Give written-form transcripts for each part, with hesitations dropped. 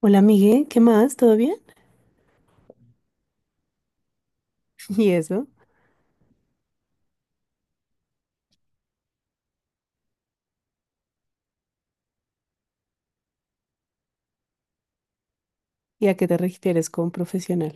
Hola, Miguel, ¿qué más? ¿Todo bien? ¿Y eso? ¿Y a qué te refieres con profesional?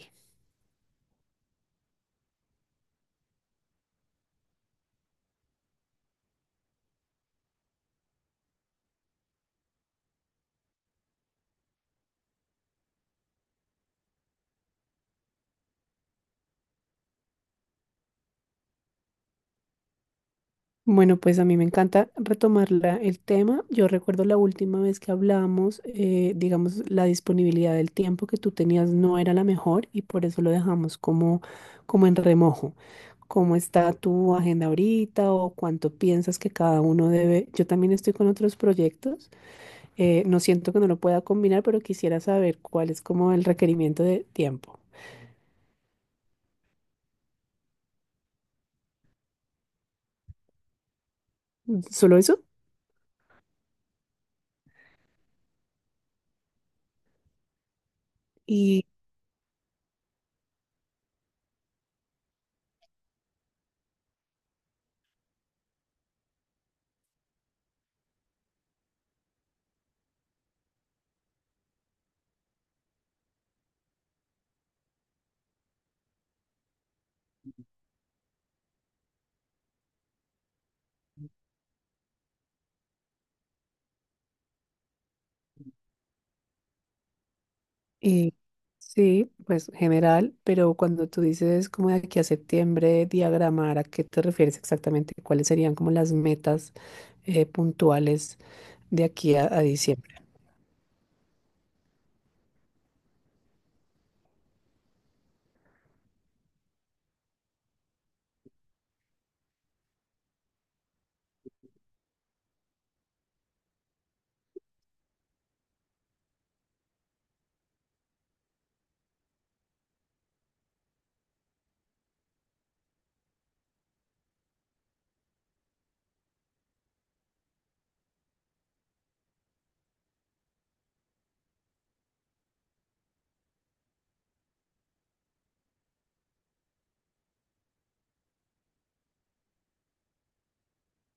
Bueno, pues a mí me encanta retomar el tema. Yo recuerdo la última vez que hablamos, digamos, la disponibilidad del tiempo que tú tenías no era la mejor y por eso lo dejamos como en remojo. ¿Cómo está tu agenda ahorita o cuánto piensas que cada uno debe? Yo también estoy con otros proyectos. No siento que no lo pueda combinar, pero quisiera saber cuál es como el requerimiento de tiempo. ¿Solo eso? Eh, sí, pues general, pero cuando tú dices como de aquí a septiembre diagramar, ¿a qué te refieres exactamente? ¿Cuáles serían como las metas puntuales de aquí a diciembre?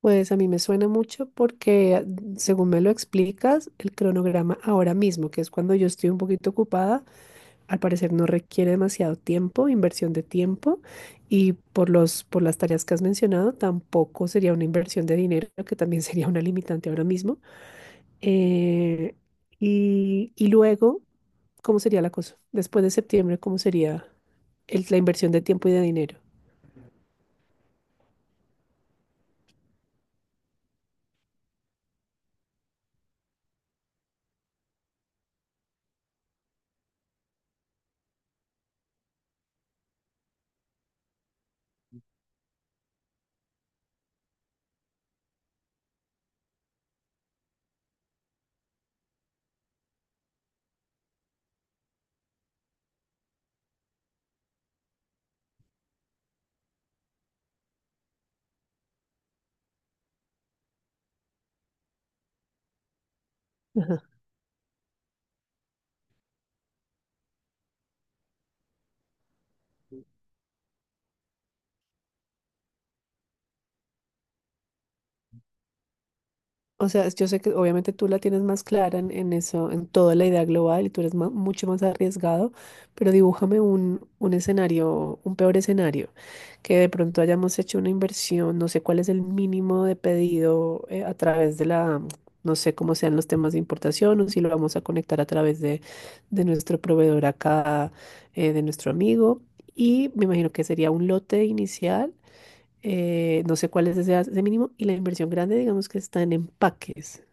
Pues a mí me suena mucho porque, según me lo explicas, el cronograma ahora mismo, que es cuando yo estoy un poquito ocupada, al parecer no requiere demasiado tiempo, inversión de tiempo, y por por las tareas que has mencionado, tampoco sería una inversión de dinero, que también sería una limitante ahora mismo. Eh, y luego, ¿cómo sería la cosa? Después de septiembre, ¿cómo sería la inversión de tiempo y de dinero? O sea, yo sé que obviamente tú la tienes más clara en eso, en toda la idea global y tú eres mucho más arriesgado, pero dibújame un escenario, un peor escenario, que de pronto hayamos hecho una inversión, no sé cuál es el mínimo de pedido a través de la, no sé cómo sean los temas de importación o si lo vamos a conectar a través de nuestro proveedor acá, de nuestro amigo, y me imagino que sería un lote inicial no sé cuál es ese, ese mínimo, y la inversión grande, digamos que está en empaques,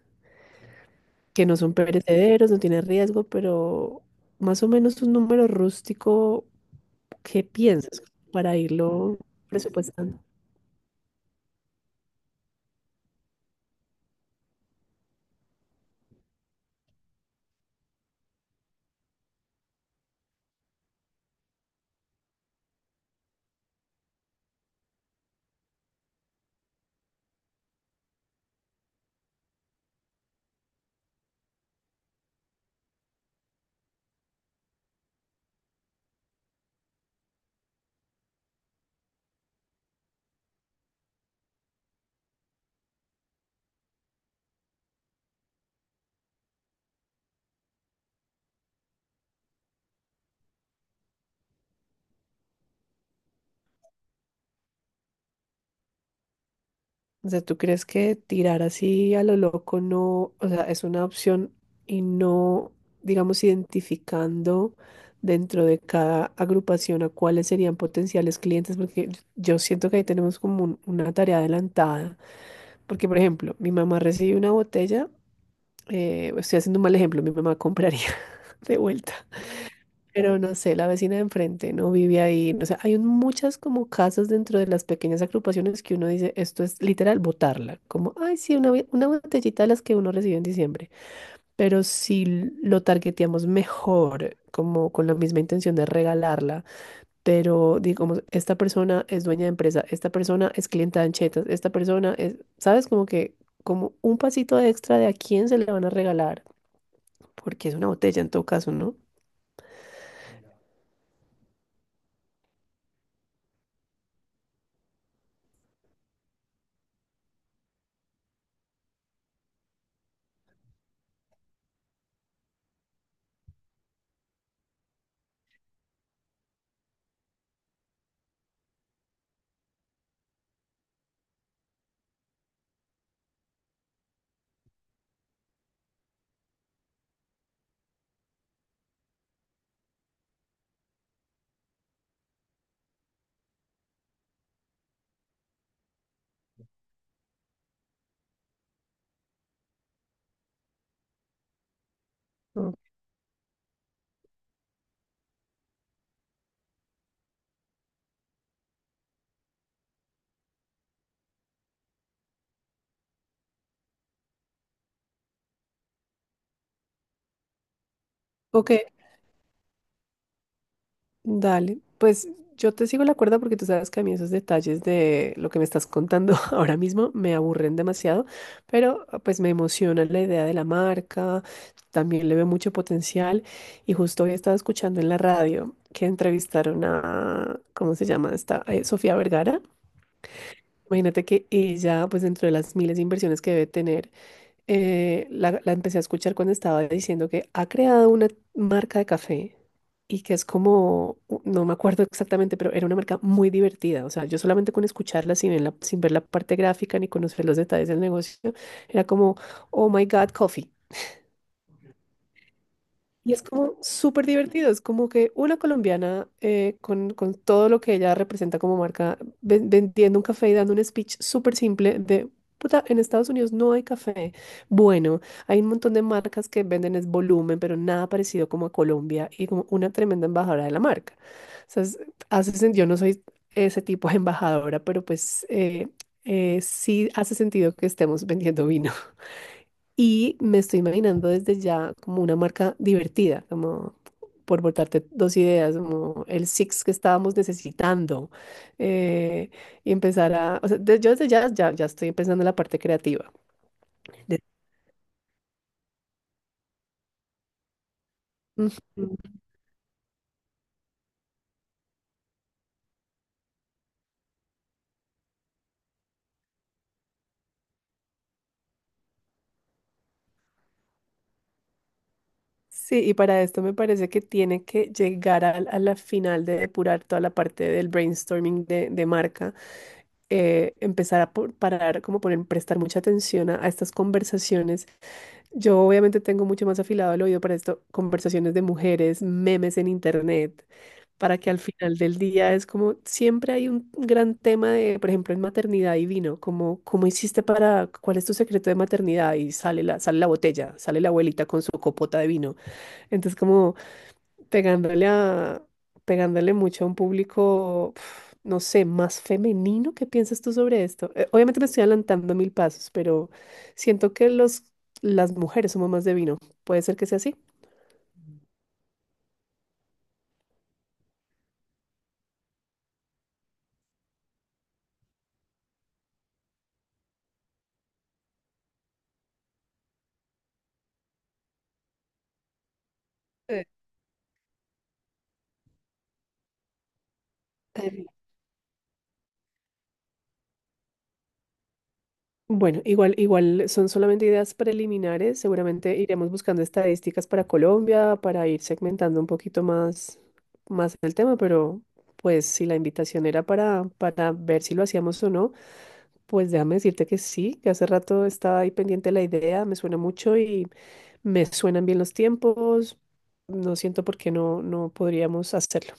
que no son perecederos, no tienen riesgo, pero más o menos un número rústico, ¿qué piensas para irlo presupuestando? O sea, ¿tú crees que tirar así a lo loco no, o sea, es una opción y no, digamos, identificando dentro de cada agrupación a cuáles serían potenciales clientes? Porque yo siento que ahí tenemos como una tarea adelantada. Porque, por ejemplo, mi mamá recibe una botella, estoy haciendo un mal ejemplo, mi mamá compraría de vuelta. Pero no sé, la vecina de enfrente no vive ahí. O sea, hay muchas como casas dentro de las pequeñas agrupaciones que uno dice, esto es literal botarla. Como, ay, sí, una botellita de las que uno recibe en diciembre. Pero si lo targeteamos mejor, como con la misma intención de regalarla, pero digamos, esta persona es dueña de empresa, esta persona es clienta de Anchetas, esta persona es, ¿sabes? Como que, como un pasito extra de a quién se le van a regalar, porque es una botella en todo caso, ¿no? Mm. Ok, dale, pues yo te sigo la cuerda porque tú sabes que a mí esos detalles de lo que me estás contando ahora mismo me aburren demasiado, pero pues me emociona la idea de la marca, también le veo mucho potencial, y justo hoy estaba escuchando en la radio que entrevistaron a, ¿cómo se llama esta? Sofía Vergara. Imagínate que ella, pues dentro de las miles de inversiones que debe tener, la empecé a escuchar cuando estaba diciendo que ha creado una marca de café y que es como, no me acuerdo exactamente, pero era una marca muy divertida. O sea, yo solamente con escucharla sin ver sin ver la parte gráfica ni conocer los detalles del negocio, era como, oh my God, coffee. Y es como súper divertido, es como que una colombiana con todo lo que ella representa como marca, vendiendo un café y dando un speech súper simple de, puta, en Estados Unidos no hay café. Bueno, hay un montón de marcas que venden es volumen, pero nada parecido como a Colombia y como una tremenda embajadora de la marca. O sea, hace yo no soy ese tipo de embajadora, pero pues sí hace sentido que estemos vendiendo vino. Y me estoy imaginando desde ya como una marca divertida, como por botarte dos ideas, como el Six que estábamos necesitando. eh, y empezar a, o sea, yo desde ya, ya estoy pensando en la parte creativa. De- Ujú. Sí, y para esto me parece que tiene que llegar a la final de depurar toda la parte del brainstorming de marca, empezar a parar, como poner, prestar mucha atención a estas conversaciones. Yo obviamente tengo mucho más afilado el oído para esto, conversaciones de mujeres, memes en internet, para que al final del día es como siempre hay un gran tema de, por ejemplo, en maternidad y vino, como cómo hiciste para, cuál es tu secreto de maternidad y sale sale la botella, sale la abuelita con su copota de vino. Entonces como pegándole a, pegándole mucho a un público, pf, no sé, más femenino. ¿Qué piensas tú sobre esto? Obviamente me estoy adelantando mil pasos, pero siento que las mujeres somos más de vino. ¿Puede ser que sea así? Eh, eh, Bueno, igual, igual son solamente ideas preliminares. Seguramente iremos buscando estadísticas para Colombia, para ir segmentando un poquito más, más el tema, pero pues si la invitación era para ver si lo hacíamos o no. Pues déjame decirte que sí, que hace rato estaba ahí pendiente la idea, me suena mucho y me suenan bien los tiempos. No siento por qué no, no podríamos hacerlo.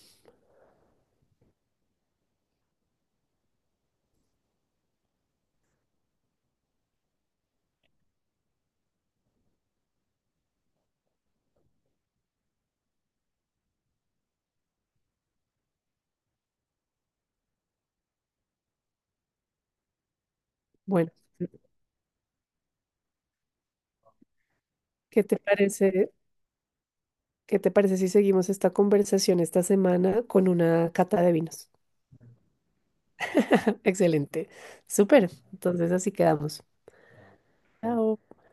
Bueno, ¿qué te parece? ¿Qué te parece si seguimos esta conversación esta semana con una cata de vinos? Excelente. Súper. Entonces así quedamos. Chao.